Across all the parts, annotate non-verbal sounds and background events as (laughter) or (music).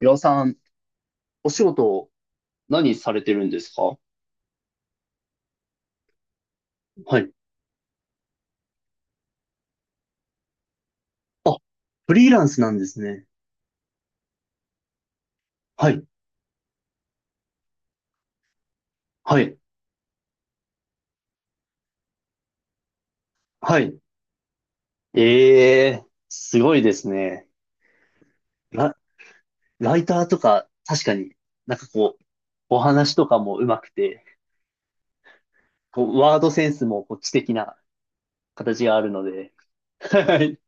岩尾さん、お仕事、何されてるんですか？はい。あ、フリーランスなんですね。はい、はい、はい。すごいですね。ラ、ライターとか、確かに、なんかこう、お話とかも上手くて、こう、ワードセンスもこう知的な形があるので。はい。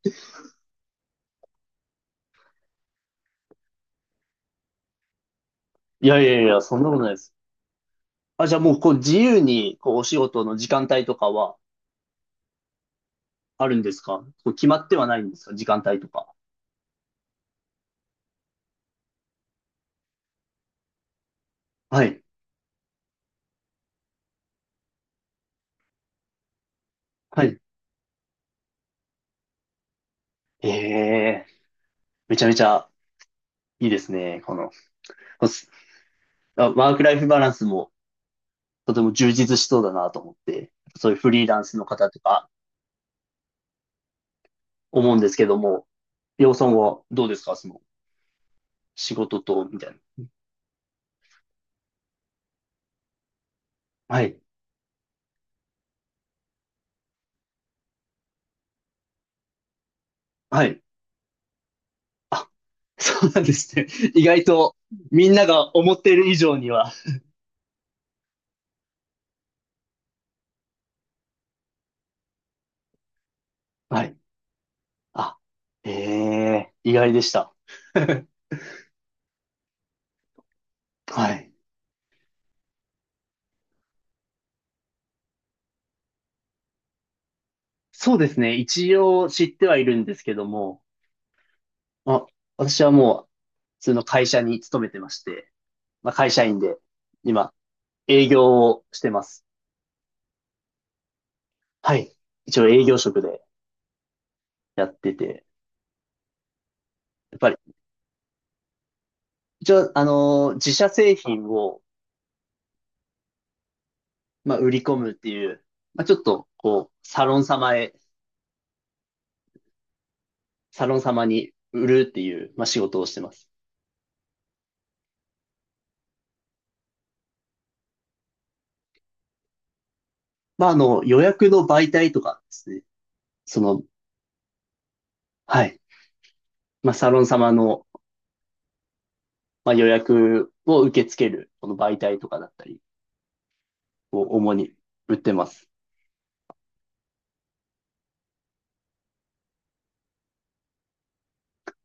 いやいやいや、そんなことないです。あ、じゃあもう、こう、自由に、こう、お仕事の時間帯とかはあるんですか？こう、決まってはないんですか？時間帯とか。はい、はい。ええめちゃめちゃいいですね。この、こすあ、ワークライフバランスもとても充実しそうだなと思って、そういうフリーランスの方とか思うんですけども、洋さんはどうですか、その仕事と、みたいな。はい。はい。(laughs) そうなんですね。(laughs) 意外と、みんなが思っている以上には。はい。あ、ええ意外でした。(laughs) はい。そうですね。一応知ってはいるんですけども、あ、私はもう普通の会社に勤めてまして、まあ、会社員で、今、営業をしてます。はい。一応営業職でやってて、やっぱり、一応、自社製品を、まあ、売り込むっていう、まあ、ちょっと、こう、サロン様に売るっていう、まあ、仕事をしてます。まあ、あの、予約の媒体とかですね。その、はい。まあ、サロン様の、まあ、予約を受け付ける、この媒体とかだったりを主に売ってます。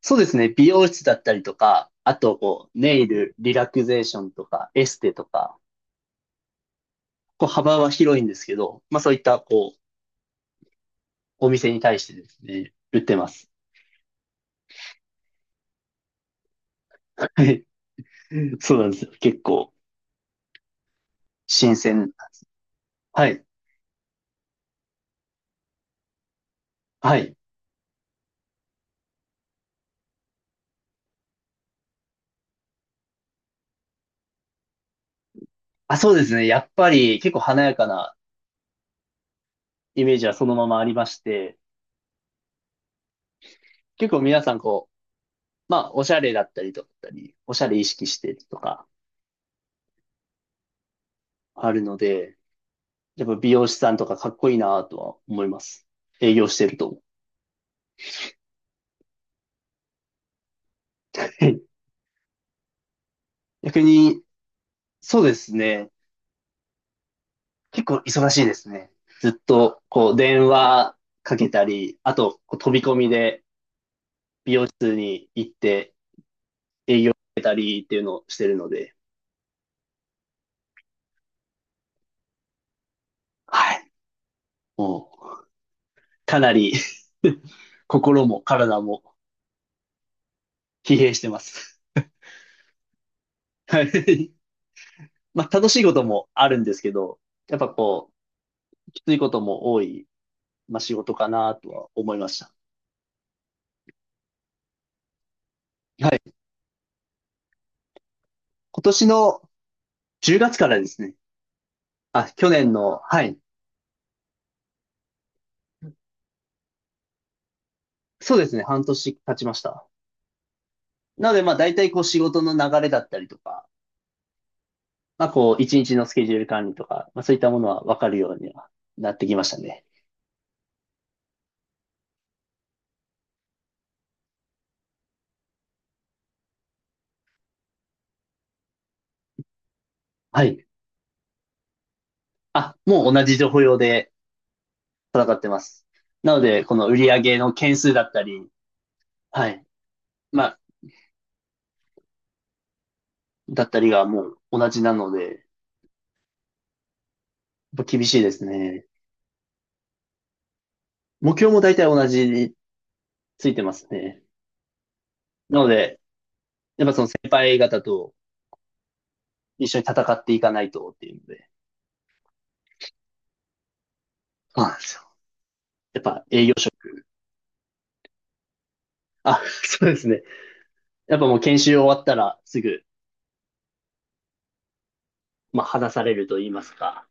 そうですね。美容室だったりとか、あと、こう、ネイル、リラクゼーションとか、エステとか、こう、幅は広いんですけど、まあそういった、こう、お店に対してですね、売ってます。はい。そうなんですよ。結構、新鮮。はい。はい。あ、そうですね。やっぱり、結構華やかなイメージはそのままありまして、結構皆さん、こう、まあ、おしゃれだったりとか、おしゃれ意識してとか、あるので、やっぱ美容師さんとかかっこいいなとは思います。営業してると。(laughs) 逆に、そうですね。結構忙しいですね。ずっと、こう、電話かけたり、あと、こう飛び込みで美容室に行ってたりっていうのをしてるので、はい。もう、かなり、 (laughs) 心も体も疲弊してます。はい。まあ、楽しいこともあるんですけど、やっぱこう、きついことも多い、まあ、仕事かなとは思いました。はい。今年の10月からですね。あ、去年の、はい。そうですね、半年経ちました。なので、まあ、大体こう仕事の流れだったりとか、まあ、こう、一日のスケジュール管理とか、まあ、そういったものは分かるようにはなってきましたね。はい。あ、もう同じ情報用で戦ってます。なので、この売り上げの件数だったり、はい。まあ、だったりがもう同じなので、やっぱ厳しいですね。目標も大体同じについてますね。なので、やっぱその先輩方と一緒に戦っていかないとっていうので、そうなんですよ。やっぱ営業所あ、(laughs) そうですね。やっぱもう研修終わったらすぐ、まあ、話されると言いますか、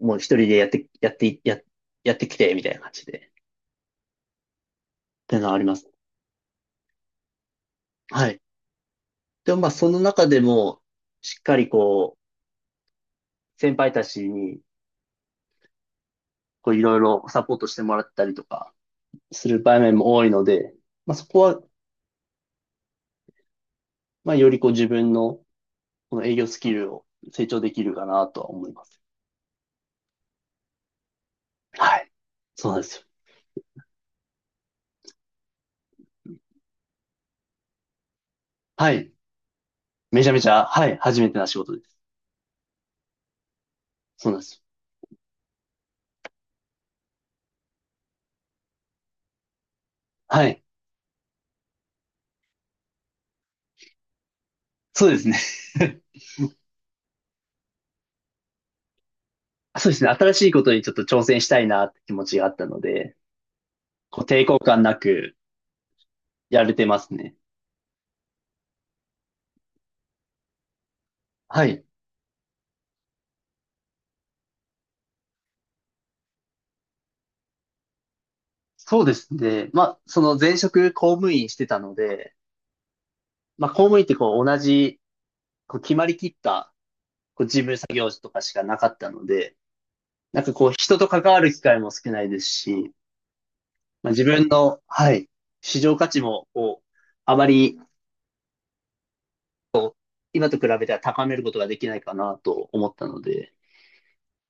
もう一人でやって、やってきて、みたいな感じで、っていうのはあります。はい。でもまあ、その中でも、しっかりこう、先輩たちに、こう、いろいろサポートしてもらったりとか、する場面も多いので、まあ、そこは、まあ、よりこう、自分の、この営業スキルを成長できるかなとは思います。はい。そうなんですよ。はい。めちゃめちゃ、はい。初めてな仕事です。そうなんですよ。はい。そうですね。(laughs) そうですね。新しいことにちょっと挑戦したいなって気持ちがあったので、こう抵抗感なくやれてますね。はい。そうですね。まあ、その前職公務員してたので、まあ、公務員ってこう同じ、こう決まりきったこう事務作業とかしかなかったので、なんかこう人と関わる機会も少ないですし、まあ、自分の、はい、市場価値もこう、あまり今と比べては高めることができないかなと思ったので、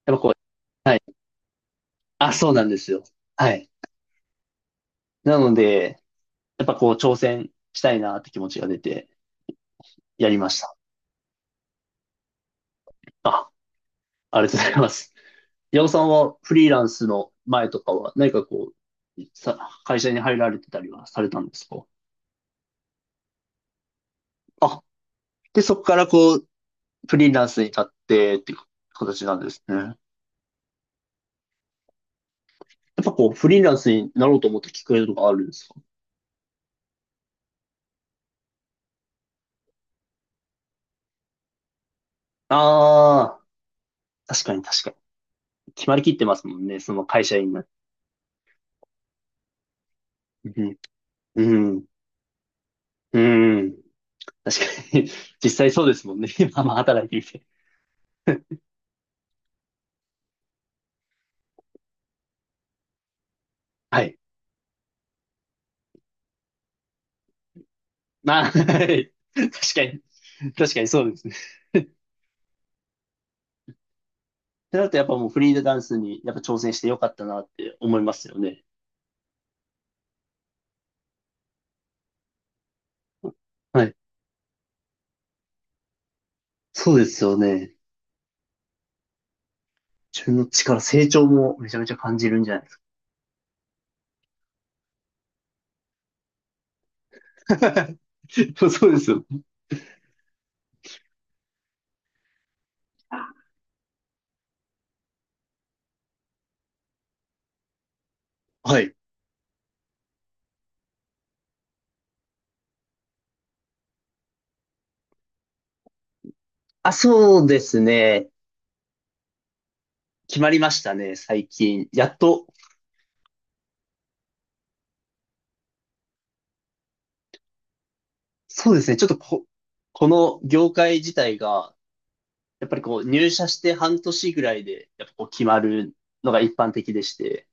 やっぱこう、はい、あ、そうなんですよ。はい。なので、やっぱこう挑戦したいなって気持ちが出てやりました。あ、ありがとうございます。ヤ尾さんはフリーランスの前とかは何かこう、会社に入られてたりはされたんですか？あ、で、そこからこう、フリーランスに立ってっていう形なんですね。やっぱこう、フリーランスになろうと思ったきっかけとかあるんですか？ああー、確かに。決まりきってますもんね、その会社員が。うん、うん、うん。確かに。(laughs) 実際そうですもんね。今、まあ働いてみて。はい。(laughs) まあ、(laughs) 確かに、確かにそうですね。ってなるとやっぱもうフリーダンスにやっぱ挑戦してよかったなって思いますよね。はい。そうですよね。自分の力、成長もめちゃめちゃ感じるんじゃないですか。(laughs) そうですよ。はい。あ、そうですね。決まりましたね、最近。やっと、そうですね。ちょっとこ、この業界自体が、やっぱりこう入社して半年ぐらいで、やっぱこう決まるのが一般的でして。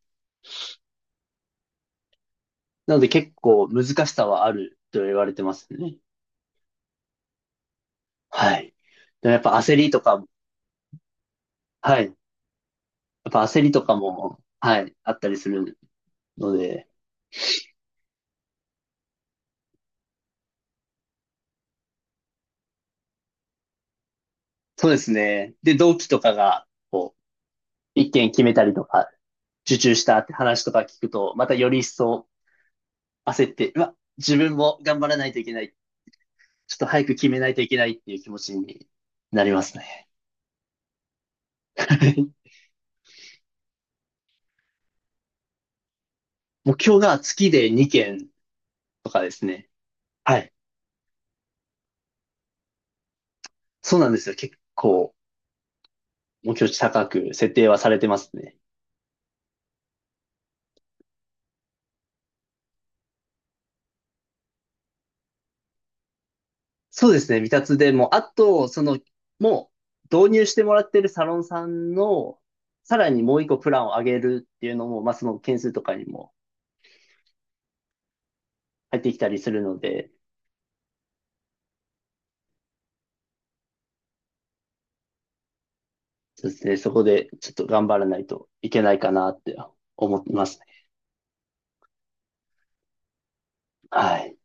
なので結構難しさはあると言われてますね。はい。でもやっぱ焦りとか、はい。やっぱ焦りとかも、はい、あったりするので、そうですね。で、同期とかが、こう、一件決めたりとか、受注したって話とか聞くと、またより一層焦って、うわ、自分も頑張らないといけない。ちょっと早く決めないといけないっていう気持ちになりますね。(laughs) 目標が月で2件とかですね。はい。そうなんですよ。結構。目標値高く設定はされてますね。そうですね、未達でも、あと、その、もう導入してもらってるサロンさんの、さらにもう一個プランを上げるっていうのも、まあ、その件数とかにも入ってきたりするので、そうですね、そこでちょっと頑張らないといけないかなって思ってますね。はい。